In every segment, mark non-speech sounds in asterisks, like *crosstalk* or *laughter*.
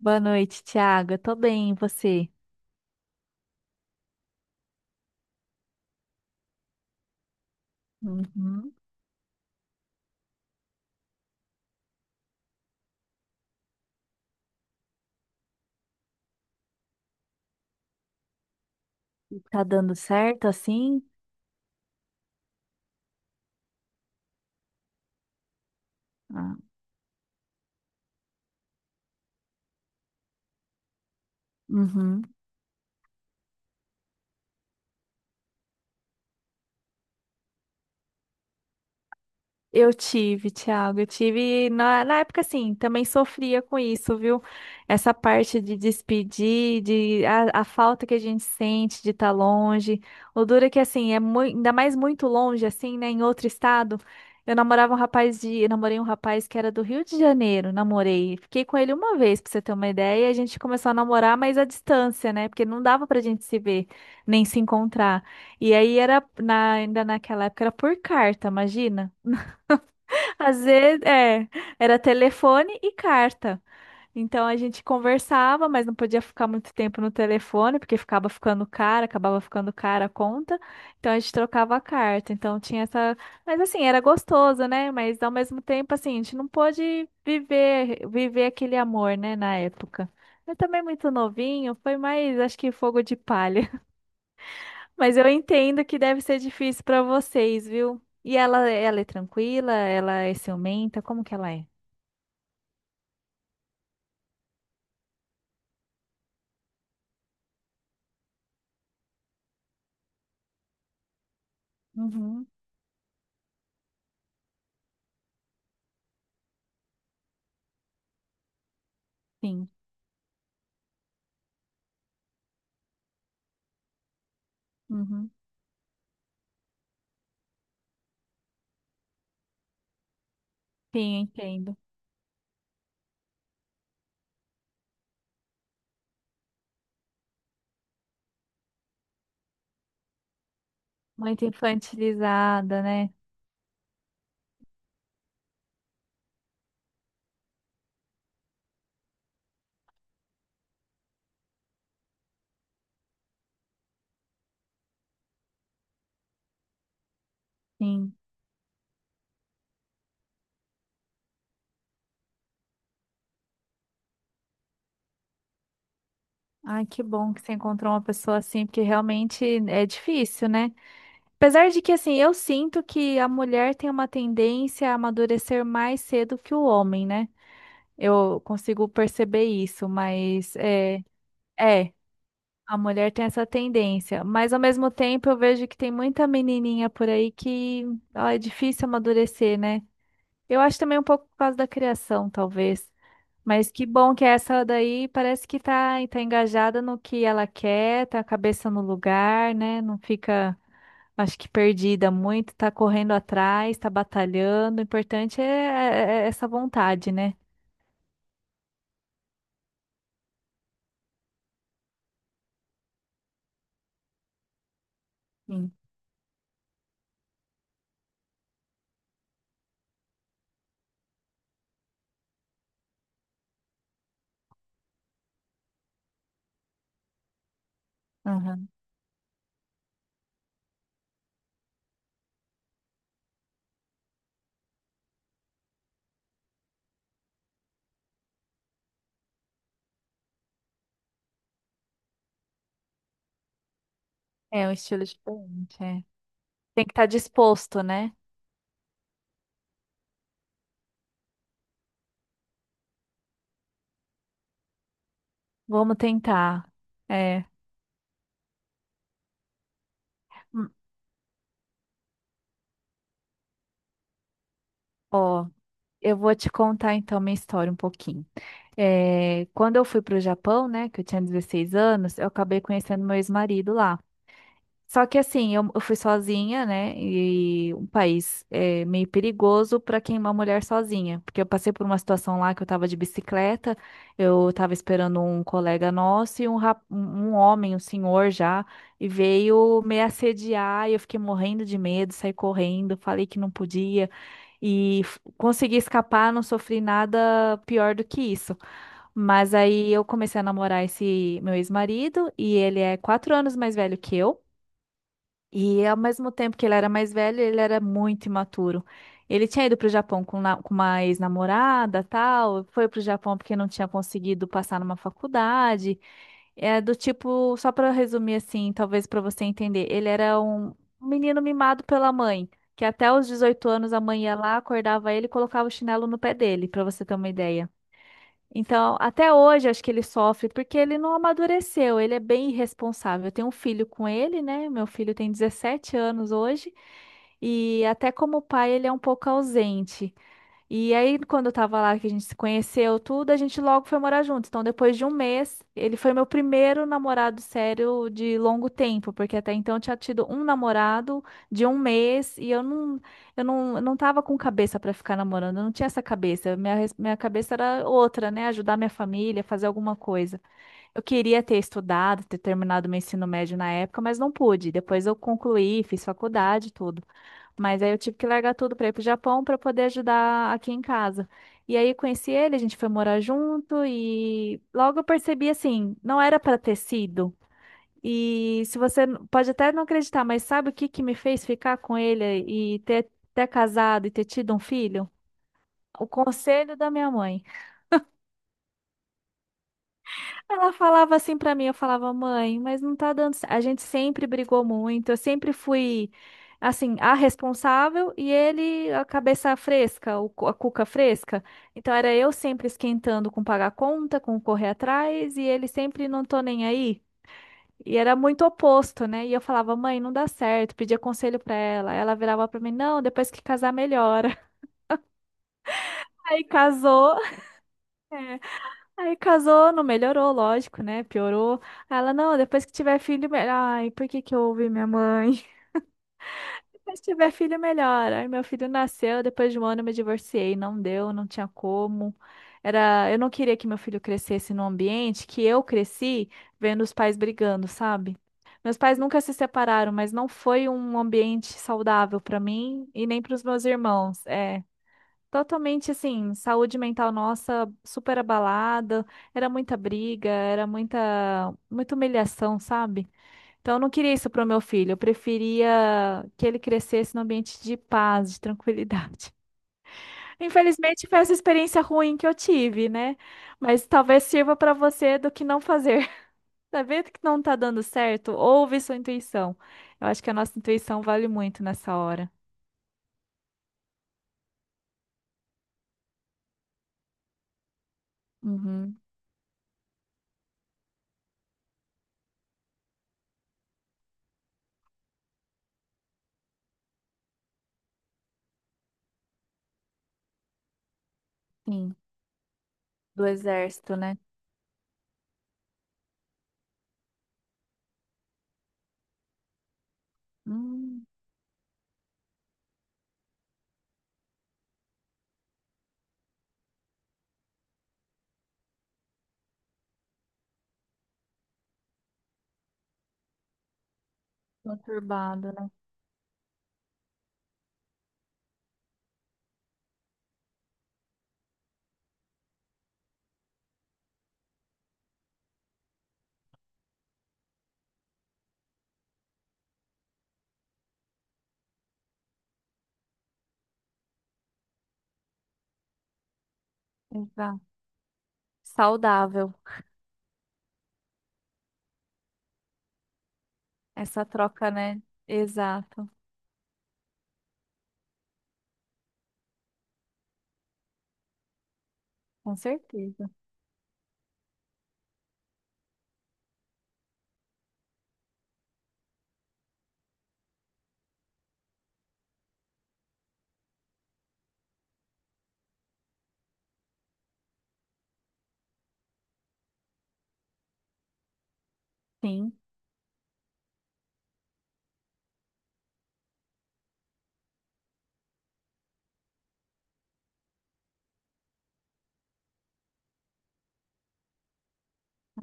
Boa noite, Thiago. Eu tô bem, e você? Uhum. Tá dando certo assim? Ah, uhum. Eu tive, Thiago, eu tive na época assim, também sofria com isso, viu? Essa parte de despedir, de a falta que a gente sente de estar longe. O duro é que assim, é ainda mais muito longe assim, né, em outro estado. Eu namorei um rapaz que era do Rio de Janeiro, namorei. Fiquei com ele uma vez, pra você ter uma ideia, e a gente começou a namorar, mas à distância, né? Porque não dava pra gente se ver, nem se encontrar. E aí era ainda naquela época era por carta, imagina? Às vezes, é, era telefone e carta. Então a gente conversava, mas não podia ficar muito tempo no telefone, porque ficava ficando cara, acabava ficando cara a conta. Então a gente trocava a carta. Então tinha essa. Mas assim, era gostoso, né? Mas ao mesmo tempo, assim, a gente não pôde viver aquele amor, né, na época. Eu também muito novinho, foi mais, acho que fogo de palha. Mas eu entendo que deve ser difícil para vocês, viu? E ela é tranquila? Ela é ciumenta? Como que ela é? Uhum, sim. Uhum. Sim, eu entendo. Muito infantilizada, né? Sim. Ai, que bom que você encontrou uma pessoa assim, porque realmente é difícil, né? Apesar de que, assim, eu sinto que a mulher tem uma tendência a amadurecer mais cedo que o homem, né? Eu consigo perceber isso, mas é. É. A mulher tem essa tendência, mas ao mesmo tempo eu vejo que tem muita menininha por aí que ó, é difícil amadurecer, né? Eu acho também um pouco por causa da criação, talvez. Mas que bom que essa daí parece que tá engajada no que ela quer, tá a cabeça no lugar, né? Não fica, acho que perdida muito, tá correndo atrás, tá batalhando. O importante é essa vontade, né? Sim. Aham. É um estilo diferente, é. Tem que estar disposto, né? Vamos tentar. É, hum, Ó, eu vou te contar então minha história um pouquinho. É, quando eu fui para o Japão, né, que eu tinha 16 anos, eu acabei conhecendo meu ex-marido lá. Só que assim, eu fui sozinha, né? E um país é, meio perigoso pra quem é uma mulher sozinha. Porque eu passei por uma situação lá que eu tava de bicicleta, eu tava esperando um colega nosso e um homem, um senhor já, e veio me assediar e eu fiquei morrendo de medo, saí correndo, falei que não podia. E consegui escapar, não sofri nada pior do que isso. Mas aí eu comecei a namorar esse meu ex-marido e ele é 4 anos mais velho que eu. E ao mesmo tempo que ele era mais velho, ele era muito imaturo. Ele tinha ido para o Japão com uma ex-namorada, tal, foi para o Japão porque não tinha conseguido passar numa faculdade. É do tipo, só para resumir assim, talvez para você entender, ele era um menino mimado pela mãe, que até os 18 anos a mãe ia lá, acordava ele e colocava o chinelo no pé dele, para você ter uma ideia. Então, até hoje acho que ele sofre porque ele não amadureceu, ele é bem irresponsável. Eu tenho um filho com ele, né? Meu filho tem 17 anos hoje e até como pai ele é um pouco ausente. E aí, quando eu tava lá, que a gente se conheceu, tudo, a gente logo foi morar junto. Então, depois de um mês, ele foi meu primeiro namorado sério de longo tempo, porque até então eu tinha tido um namorado de um mês e eu não tava com cabeça pra ficar namorando, eu não tinha essa cabeça. Minha cabeça era outra, né? Ajudar minha família, fazer alguma coisa. Eu queria ter estudado, ter terminado meu ensino médio na época, mas não pude. Depois eu concluí, fiz faculdade, tudo. Mas aí eu tive que largar tudo para ir pro Japão para poder ajudar aqui em casa. E aí conheci ele, a gente foi morar junto e logo eu percebi assim, não era para ter sido. E se você pode até não acreditar, mas sabe o que que me fez ficar com ele e ter casado e ter tido um filho? O conselho da minha mãe. Ela falava assim pra mim, eu falava, mãe, mas não tá dando certo. A gente sempre brigou muito, eu sempre fui, assim, a responsável e ele a cabeça fresca, o a cuca fresca. Então era eu sempre esquentando com pagar conta, com correr atrás e ele sempre não tô nem aí. E era muito oposto, né? E eu falava, mãe, não dá certo, pedia conselho pra ela. Ela virava pra mim, não, depois que casar melhora. *laughs* Aí casou. Aí casou, não melhorou, lógico, né? Piorou. Aí ela, não, depois que tiver filho, melhor. Ai, por que que eu ouvi minha mãe? *laughs* Depois que tiver filho, melhor. Aí meu filho nasceu, depois de um ano eu me divorciei. Não deu, não tinha como. Era, eu não queria que meu filho crescesse num ambiente que eu cresci vendo os pais brigando, sabe? Meus pais nunca se separaram, mas não foi um ambiente saudável para mim e nem para os meus irmãos. É. Totalmente assim, saúde mental nossa super abalada, era muita briga, era muita, muita humilhação, sabe? Então eu não queria isso pro meu filho, eu preferia que ele crescesse num ambiente de paz, de tranquilidade. *laughs* Infelizmente foi essa experiência ruim que eu tive, né? Mas talvez sirva para você do que não fazer. *laughs* Tá vendo que não tá dando certo? Ouve sua intuição. Eu acho que a nossa intuição vale muito nessa hora. Uhum, sim, do exército, né? Hum. Conturbado, né? Exato. Saudável. Essa troca, né? Exato. Com certeza. Sim.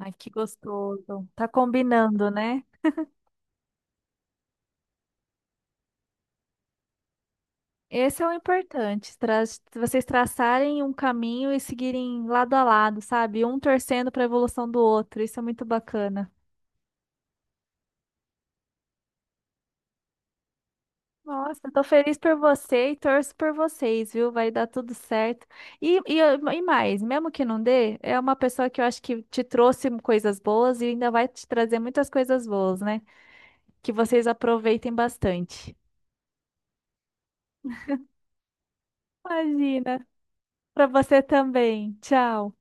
Ai, que gostoso. Tá combinando, né? Esse é o importante. Vocês traçarem um caminho e seguirem lado a lado, sabe? Um torcendo para a evolução do outro. Isso é muito bacana. Nossa, tô feliz por você e torço por vocês, viu? Vai dar tudo certo. E mais, mesmo que não dê, é uma pessoa que eu acho que te trouxe coisas boas e ainda vai te trazer muitas coisas boas, né? Que vocês aproveitem bastante. Imagina, pra você também. Tchau.